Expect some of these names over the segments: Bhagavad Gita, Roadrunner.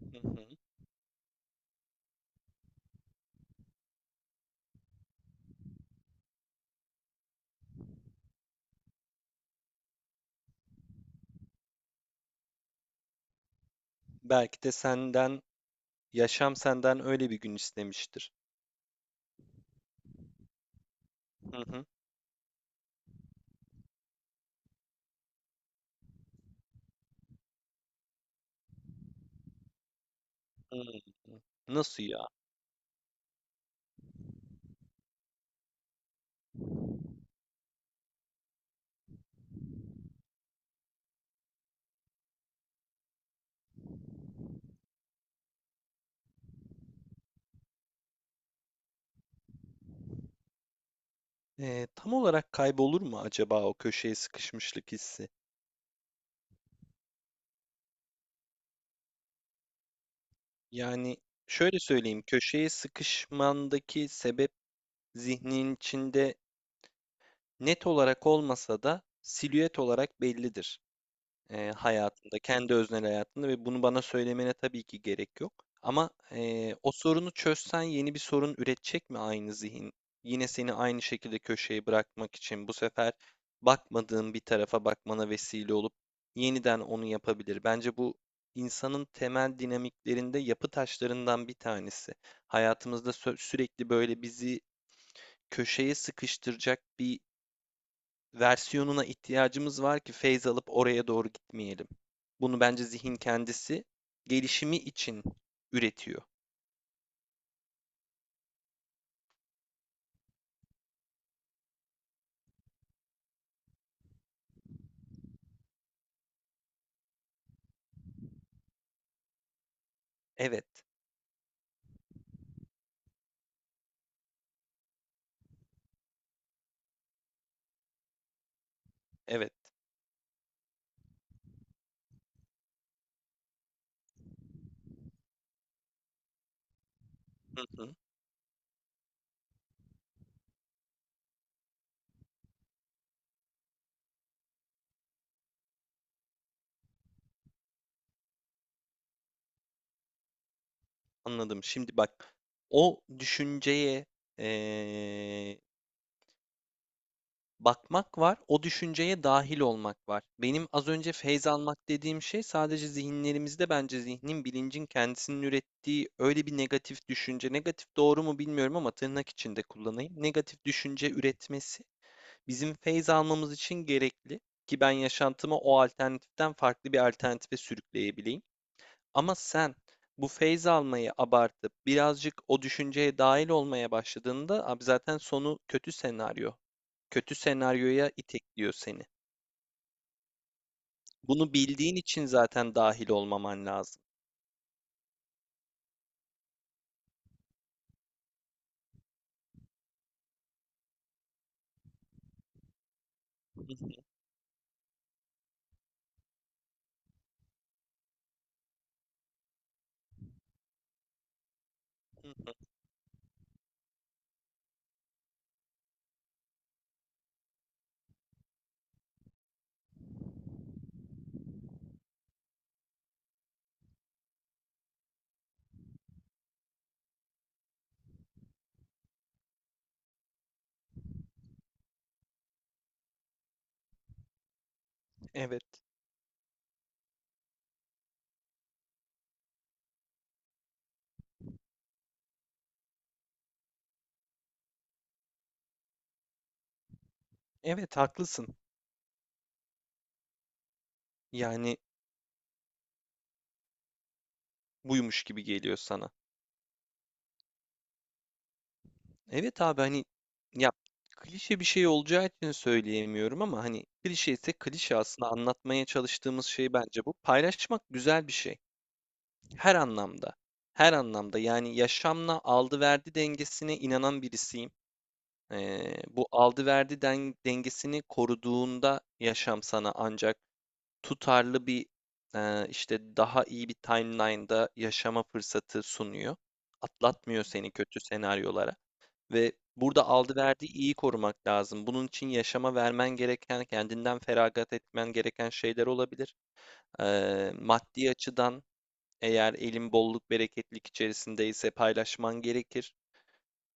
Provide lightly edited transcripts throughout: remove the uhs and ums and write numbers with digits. Hı hı. Belki de senden, yaşam senden öyle bir gün istemiştir. Hı hı. Hımm. Nasıl ya? Tam olarak kaybolur mu acaba o köşeye sıkışmışlık hissi? Yani şöyle söyleyeyim, köşeye sıkışmandaki sebep zihnin içinde net olarak olmasa da silüet olarak bellidir, hayatında, kendi öznel hayatında ve bunu bana söylemene tabii ki gerek yok. Ama, o sorunu çözsen yeni bir sorun üretecek mi aynı zihin? Yine seni aynı şekilde köşeye bırakmak için bu sefer bakmadığın bir tarafa bakmana vesile olup yeniden onu yapabilir. Bence bu insanın temel dinamiklerinde yapı taşlarından bir tanesi. Hayatımızda sürekli böyle bizi köşeye sıkıştıracak bir versiyonuna ihtiyacımız var ki feyz alıp oraya doğru gitmeyelim. Bunu bence zihin kendisi gelişimi için üretiyor. Evet, evet. Hı hı, anladım. Şimdi bak, o düşünceye eee, bakmak var, o düşünceye dahil olmak var. Benim az önce feyz almak dediğim şey sadece zihinlerimizde bence zihnin, bilincin kendisinin ürettiği öyle bir negatif düşünce. Negatif doğru mu bilmiyorum ama tırnak içinde kullanayım. Negatif düşünce üretmesi bizim feyz almamız için gerekli ki ben yaşantımı o alternatiften farklı bir alternatife sürükleyebileyim. Ama sen bu feyz almayı abartıp birazcık o düşünceye dahil olmaya başladığında abi zaten sonu kötü senaryo. Kötü senaryoya itekliyor seni. Bunu bildiğin için zaten dahil olmaman lazım. Evet. Evet haklısın. Yani buymuş gibi geliyor sana. Evet abi hani ya, klişe bir şey olacağı için söyleyemiyorum ama hani klişe ise klişe, aslında anlatmaya çalıştığımız şey bence bu. Paylaşmak güzel bir şey. Her anlamda. Her anlamda, yani yaşamla aldı verdi dengesine inanan birisiyim. Bu aldı verdi dengesini koruduğunda yaşam sana ancak tutarlı bir, işte daha iyi bir timeline'da yaşama fırsatı sunuyor. Atlatmıyor seni kötü senaryolara. Ve burada aldı verdiği iyi korumak lazım. Bunun için yaşama vermen gereken, kendinden feragat etmen gereken şeyler olabilir. Maddi açıdan eğer elin bolluk bereketlik içerisindeyse paylaşman gerekir.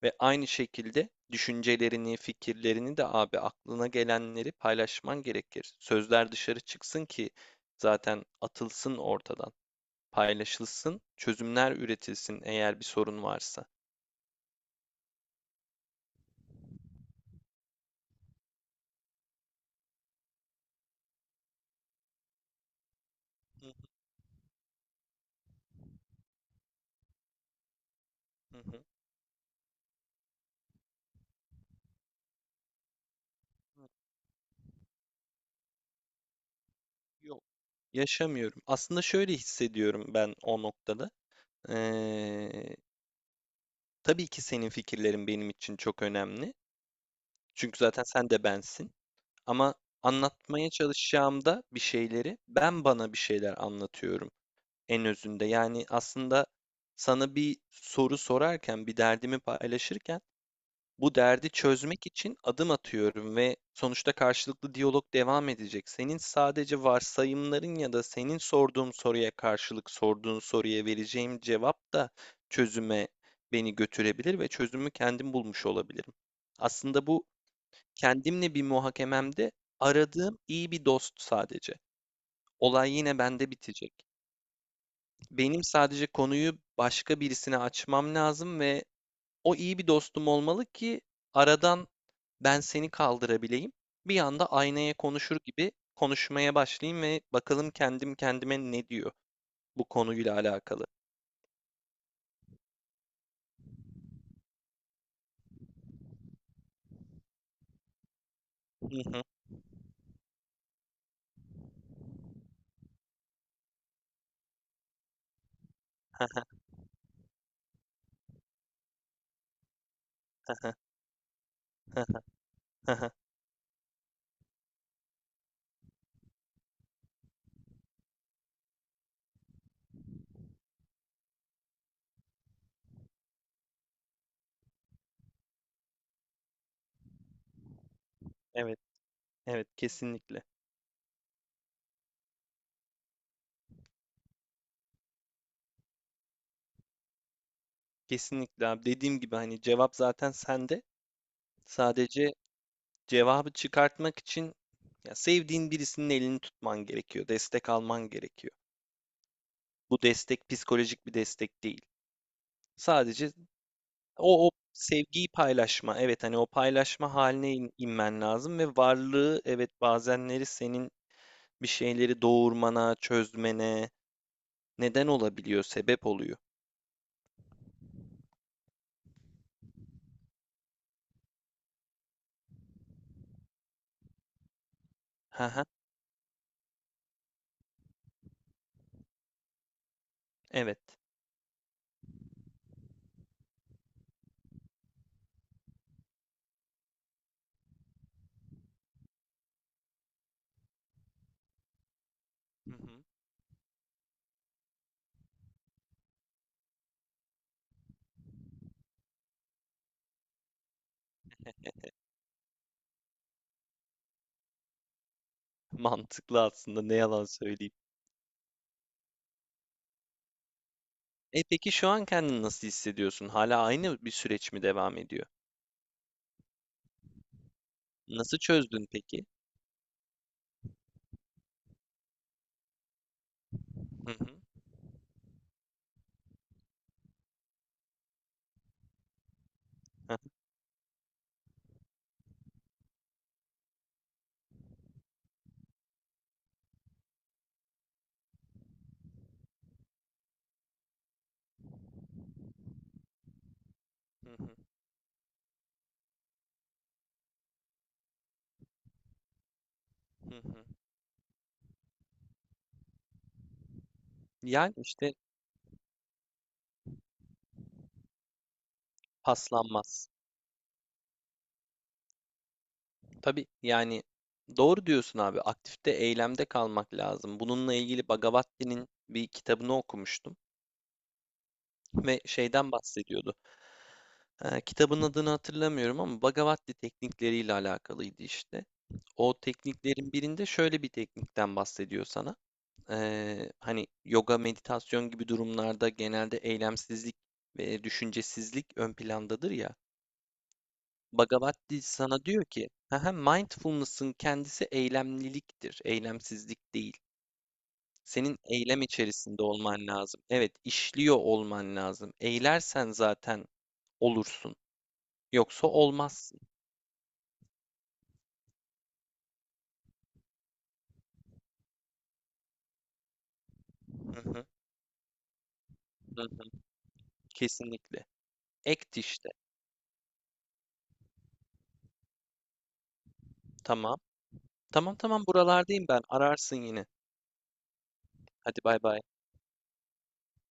Ve aynı şekilde düşüncelerini, fikirlerini de abi aklına gelenleri paylaşman gerekir. Sözler dışarı çıksın ki zaten atılsın ortadan, paylaşılsın, çözümler üretilsin eğer bir sorun varsa. Hı hı hı. Yok. Yaşamıyorum. Aslında şöyle hissediyorum ben o noktada. Eee, tabii ki senin fikirlerin benim için çok önemli. Çünkü zaten sen de bensin. Ama anlatmaya çalışacağımda bir şeyleri, ben bana bir şeyler anlatıyorum en özünde. Yani aslında sana bir soru sorarken, bir derdimi paylaşırken bu derdi çözmek için adım atıyorum ve sonuçta karşılıklı diyalog devam edecek. Senin sadece varsayımların ya da senin sorduğum soruya karşılık sorduğun soruya vereceğim cevap da çözüme beni götürebilir ve çözümü kendim bulmuş olabilirim. Aslında bu kendimle bir muhakememde aradığım iyi bir dost sadece. Olay yine bende bitecek. Benim sadece konuyu başka birisine açmam lazım ve o iyi bir dostum olmalı ki aradan ben seni kaldırabileyim. Bir anda aynaya konuşur gibi konuşmaya başlayayım ve bakalım kendim kendime ne diyor bu konuyla alakalı. Hı hı. Evet, evet kesinlikle. Kesinlikle abi. Dediğim gibi hani cevap zaten sende. Sadece cevabı çıkartmak için ya sevdiğin birisinin elini tutman gerekiyor. Destek alman gerekiyor. Bu destek psikolojik bir destek değil. Sadece o, o sevgiyi paylaşma. Evet hani o paylaşma haline inmen lazım ve varlığı, evet, bazenleri senin bir şeyleri doğurmana, çözmene neden olabiliyor, sebep oluyor. Haha, evet. Hı hı. Mantıklı aslında, ne yalan söyleyeyim. E peki şu an kendini nasıl hissediyorsun? Hala aynı bir süreç mi devam ediyor? Nasıl çözdün peki? Hı hı. Hı hı. Hı hı. Hı hı. Yani işte paslanmaz. Tabii yani doğru diyorsun abi. Aktifte, eylemde kalmak lazım. Bununla ilgili Bhagavad bir kitabını okumuştum ve şeyden bahsediyordu. Kitabın adını hatırlamıyorum ama Bhagavad teknikleriyle alakalıydı işte. O tekniklerin birinde şöyle bir teknikten bahsediyor sana. Hani yoga, meditasyon gibi durumlarda genelde eylemsizlik ve düşüncesizlik ön plandadır ya. Bhagavad Gita sana diyor ki, "Haha, mindfulness'ın kendisi eylemliliktir, eylemsizlik değil. Senin eylem içerisinde olman lazım. Evet, işliyor olman lazım. Eylersen zaten olursun. Yoksa olmazsın. Hı hı, hı hı, kesinlikle. Act işte. Tamam. Tamam, tamam, buralardayım ben. Ararsın yine. Hadi bay bay.